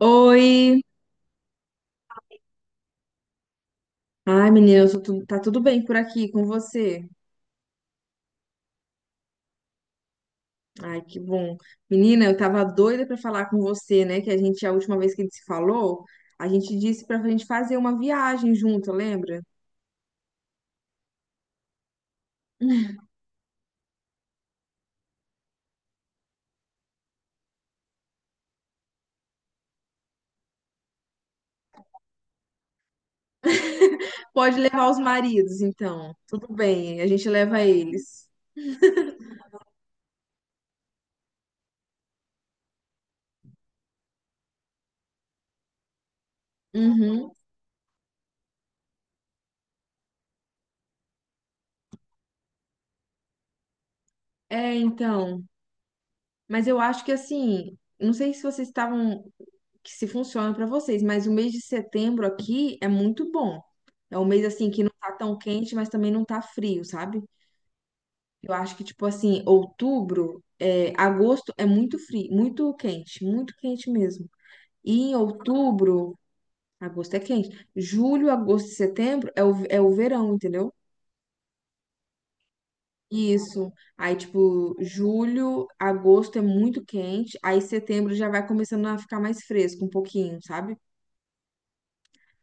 Oi! Ai, menina, tá tudo bem por aqui com você? Ai, que bom. Menina, eu tava doida pra falar com você, né? A última vez que a gente se falou, a gente disse pra gente fazer uma viagem junto, lembra? Pode levar os maridos, então. Tudo bem, a gente leva eles. Uhum. É, então. Mas eu acho que assim, não sei se vocês estavam, que se funciona para vocês, mas o mês de setembro aqui é muito bom. É um mês assim que não tá tão quente, mas também não tá frio, sabe? Eu acho que tipo assim, outubro, é, agosto é muito frio, muito quente mesmo. E em outubro, agosto é quente. Julho, agosto e setembro é o verão, entendeu? Isso. Aí, tipo, julho, agosto é muito quente, aí setembro já vai começando a ficar mais fresco um pouquinho, sabe?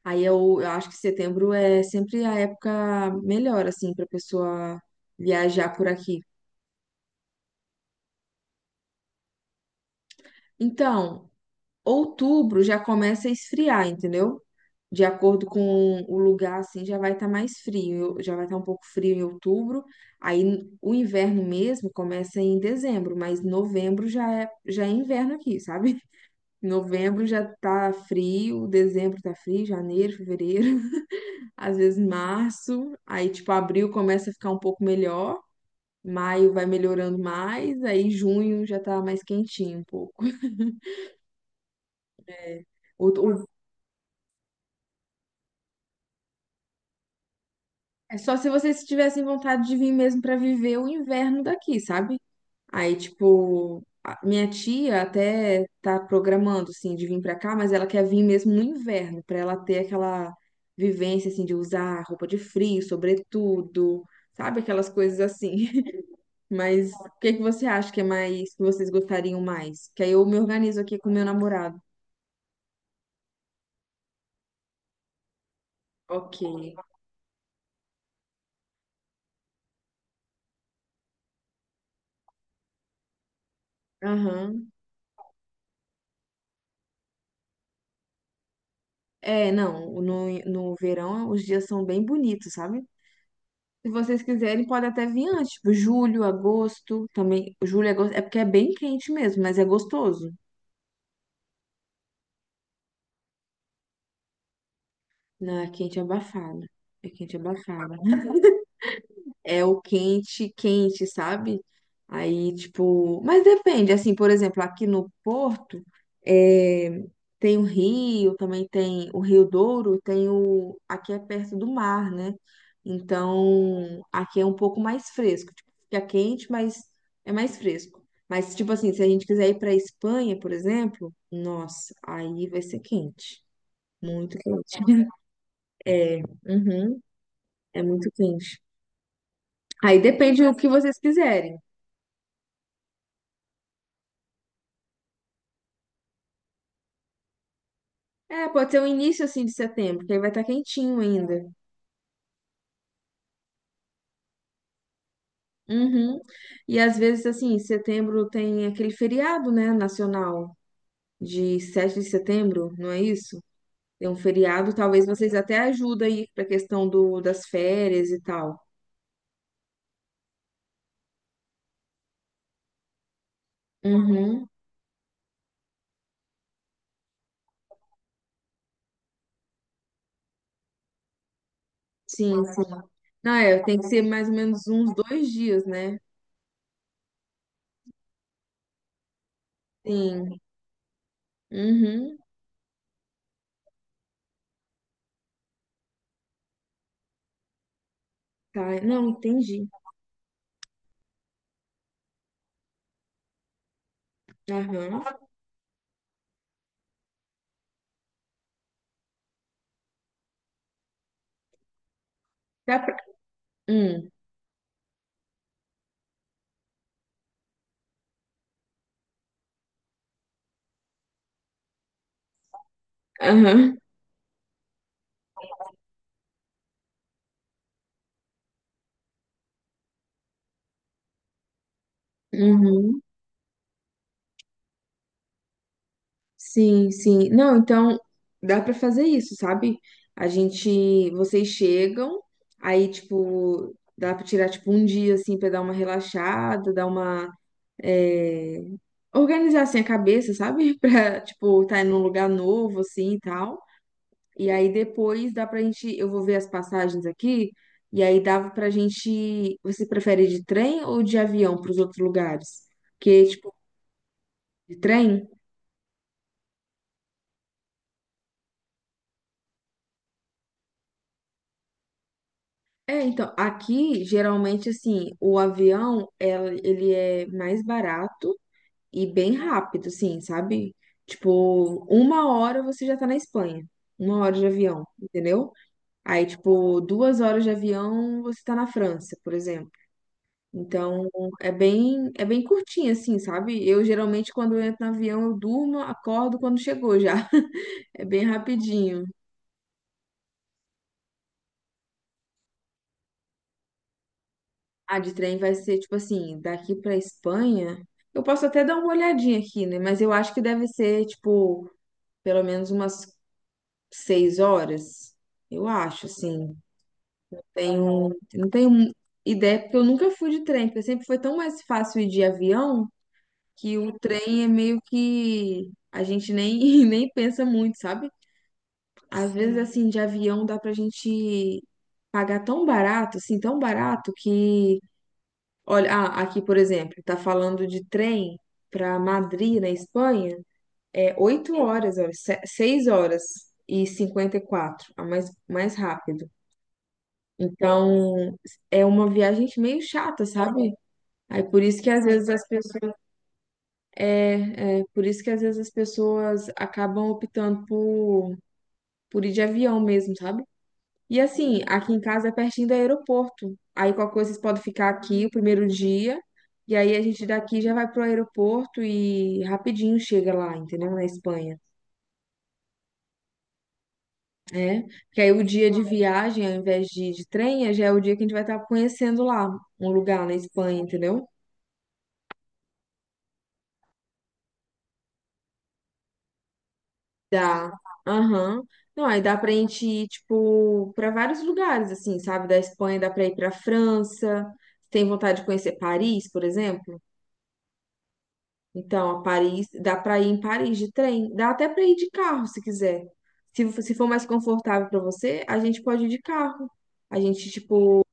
Aí eu acho que setembro é sempre a época melhor, assim, pra pessoa viajar por aqui. Então, outubro já começa a esfriar, entendeu? De acordo com o lugar, assim, já vai estar mais frio, já vai estar um pouco frio em outubro. Aí o inverno mesmo começa em dezembro, mas novembro já é inverno aqui, sabe? Novembro já tá frio, dezembro tá frio, janeiro, fevereiro, às vezes março, aí tipo abril começa a ficar um pouco melhor, maio vai melhorando mais, aí junho já tá mais quentinho um pouco. O- o- É só se vocês tivessem vontade de vir mesmo pra viver o inverno daqui, sabe? Aí, tipo, minha tia até tá programando, assim, de vir pra cá, mas ela quer vir mesmo no inverno, pra ela ter aquela vivência, assim, de usar roupa de frio, sobretudo, sabe? Aquelas coisas assim. Mas o que que você acha que é mais, que vocês gostariam mais? Que aí eu me organizo aqui com meu namorado. Ok. Aham. É, não, no verão os dias são bem bonitos, sabe? Se vocês quiserem, pode até vir antes, tipo, julho, agosto, também. Julho, agosto, é porque é bem quente mesmo, mas é gostoso. Não, é quente abafado. É quente abafado. É o quente, quente, sabe? Aí, tipo, mas depende, assim, por exemplo, aqui no Porto, é, tem o Rio, também tem o Rio Douro, tem aqui é perto do mar, né? Então, aqui é um pouco mais fresco, tipo, fica quente, mas é mais fresco. Mas, tipo assim, se a gente quiser ir pra Espanha, por exemplo, nossa, aí vai ser quente, muito quente. É, uhum, é muito quente. Aí depende do que vocês quiserem. É, pode ser o início assim de setembro, que aí vai estar quentinho ainda. Uhum. E às vezes assim, setembro tem aquele feriado, né, nacional de 7 de setembro, não é isso? Tem um feriado, talvez vocês até ajudem aí pra questão do das férias e tal. Uhum. Sim, sim. Não, é, tem que ser mais ou menos uns 2 dias, né? Sim. Uhum. Tá. Não, entendi. Aham. Dá pra... Hum. Aham. Uhum. Sim, sim. Não, então dá pra fazer isso, sabe? A gente, vocês chegam, aí tipo, dá pra tirar tipo um dia assim pra dar uma relaxada, dar uma é, organizar assim a cabeça, sabe? Pra tipo tá em um lugar novo assim e tal. E aí depois dá pra gente, eu vou ver as passagens aqui, e aí dava pra gente, você prefere de trem ou de avião pros outros lugares? Porque tipo, de trem é, então, aqui, geralmente, assim, o avião, ele é mais barato e bem rápido, assim, sabe? Tipo, uma hora você já tá na Espanha. 1 hora de avião, entendeu? Aí, tipo, 2 horas de avião você tá na França, por exemplo. Então, é bem curtinho, assim, sabe? Eu, geralmente, quando eu entro no avião, eu durmo, acordo quando chegou já. É bem rapidinho. A de trem vai ser tipo assim, daqui pra Espanha. Eu posso até dar uma olhadinha aqui, né? Mas eu acho que deve ser, tipo, pelo menos umas 6 horas. Eu acho, assim. Não tenho ideia, porque eu nunca fui de trem, porque sempre foi tão mais fácil ir de avião que o trem é meio que a gente nem, nem pensa muito, sabe? Às vezes, sim, assim, de avião dá pra gente pagar tão barato, assim, tão barato que... Olha, ah, aqui, por exemplo, tá falando de trem para Madrid, na Espanha, é 8 horas, olha, 6 horas e 54, a mais, mais rápido. Então, é uma viagem meio chata, sabe? Aí por isso que às vezes as pessoas é por isso que às vezes as pessoas acabam optando por ir de avião mesmo, sabe? E assim, aqui em casa é pertinho do aeroporto. Aí qualquer coisa vocês podem ficar aqui o primeiro dia. E aí a gente daqui já vai pro aeroporto e rapidinho chega lá, entendeu? Na Espanha. É. Porque aí o dia de viagem, ao invés de trem, já é o dia que a gente vai estar conhecendo lá um lugar na Espanha, entendeu? Dá. Aham. Não, aí dá pra gente ir, tipo, pra vários lugares, assim, sabe? Da Espanha dá pra ir pra França. Tem vontade de conhecer Paris, por exemplo? Então, a Paris, dá para ir em Paris de trem, dá até para ir de carro se quiser. Se for mais confortável para você, a gente pode ir de carro. A gente, tipo,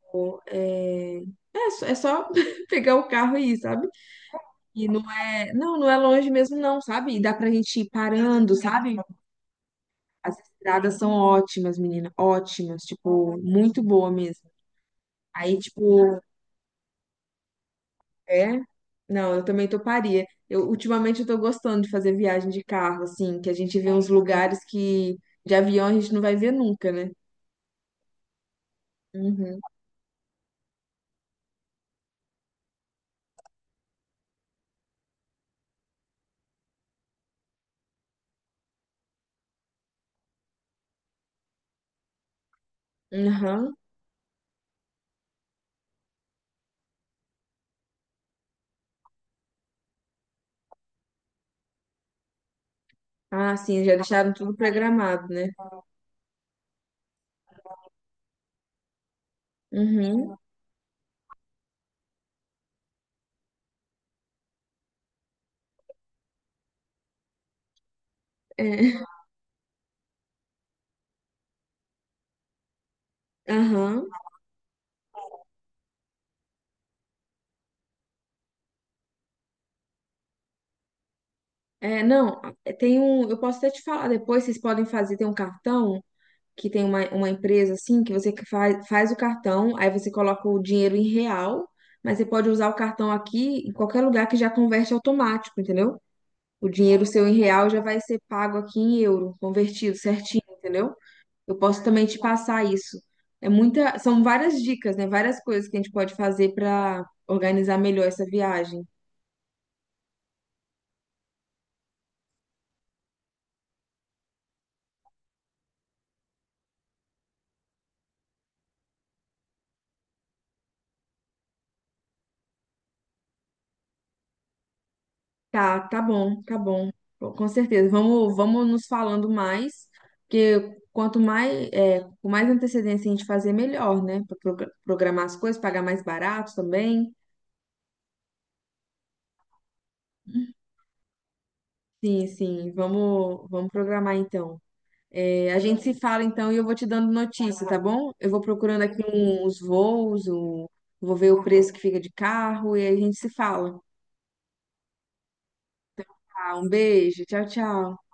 é, só pegar o carro e ir, sabe? E não é, não é longe mesmo, não, sabe? E dá pra gente ir parando, sabe? As estradas são ótimas, menina, ótimas, tipo, muito boa mesmo. Aí, tipo, é? Não, eu também toparia. Eu ultimamente eu tô gostando de fazer viagem de carro, assim, que a gente vê uns lugares que de avião a gente não vai ver nunca, né? Uhum. Aham. Ah, sim, já deixaram tudo programado, né? Uhum. É. Aham. É, não, é, tem um. Eu posso até te falar depois, vocês podem fazer, tem um cartão que tem uma empresa assim, que você faz, faz o cartão, aí você coloca o dinheiro em real, mas você pode usar o cartão aqui em qualquer lugar que já converte automático, entendeu? O dinheiro seu em real já vai ser pago aqui em euro, convertido certinho, entendeu? Eu posso também te passar isso. É muita, são várias dicas, né? Várias coisas que a gente pode fazer para organizar melhor essa viagem. Tá, tá bom, tá bom. Bom, com certeza. Vamos, vamos nos falando mais, porque quanto mais, é, com mais antecedência a gente fazer, melhor, né? Para programar as coisas, pagar mais barato também. Sim, sim. Vamos, vamos programar então. É, a gente se fala então e eu vou te dando notícia, tá bom? Eu vou procurando aqui os voos, vou ver o preço que fica de carro e aí a gente se fala. Tá, um beijo, tchau, tchau.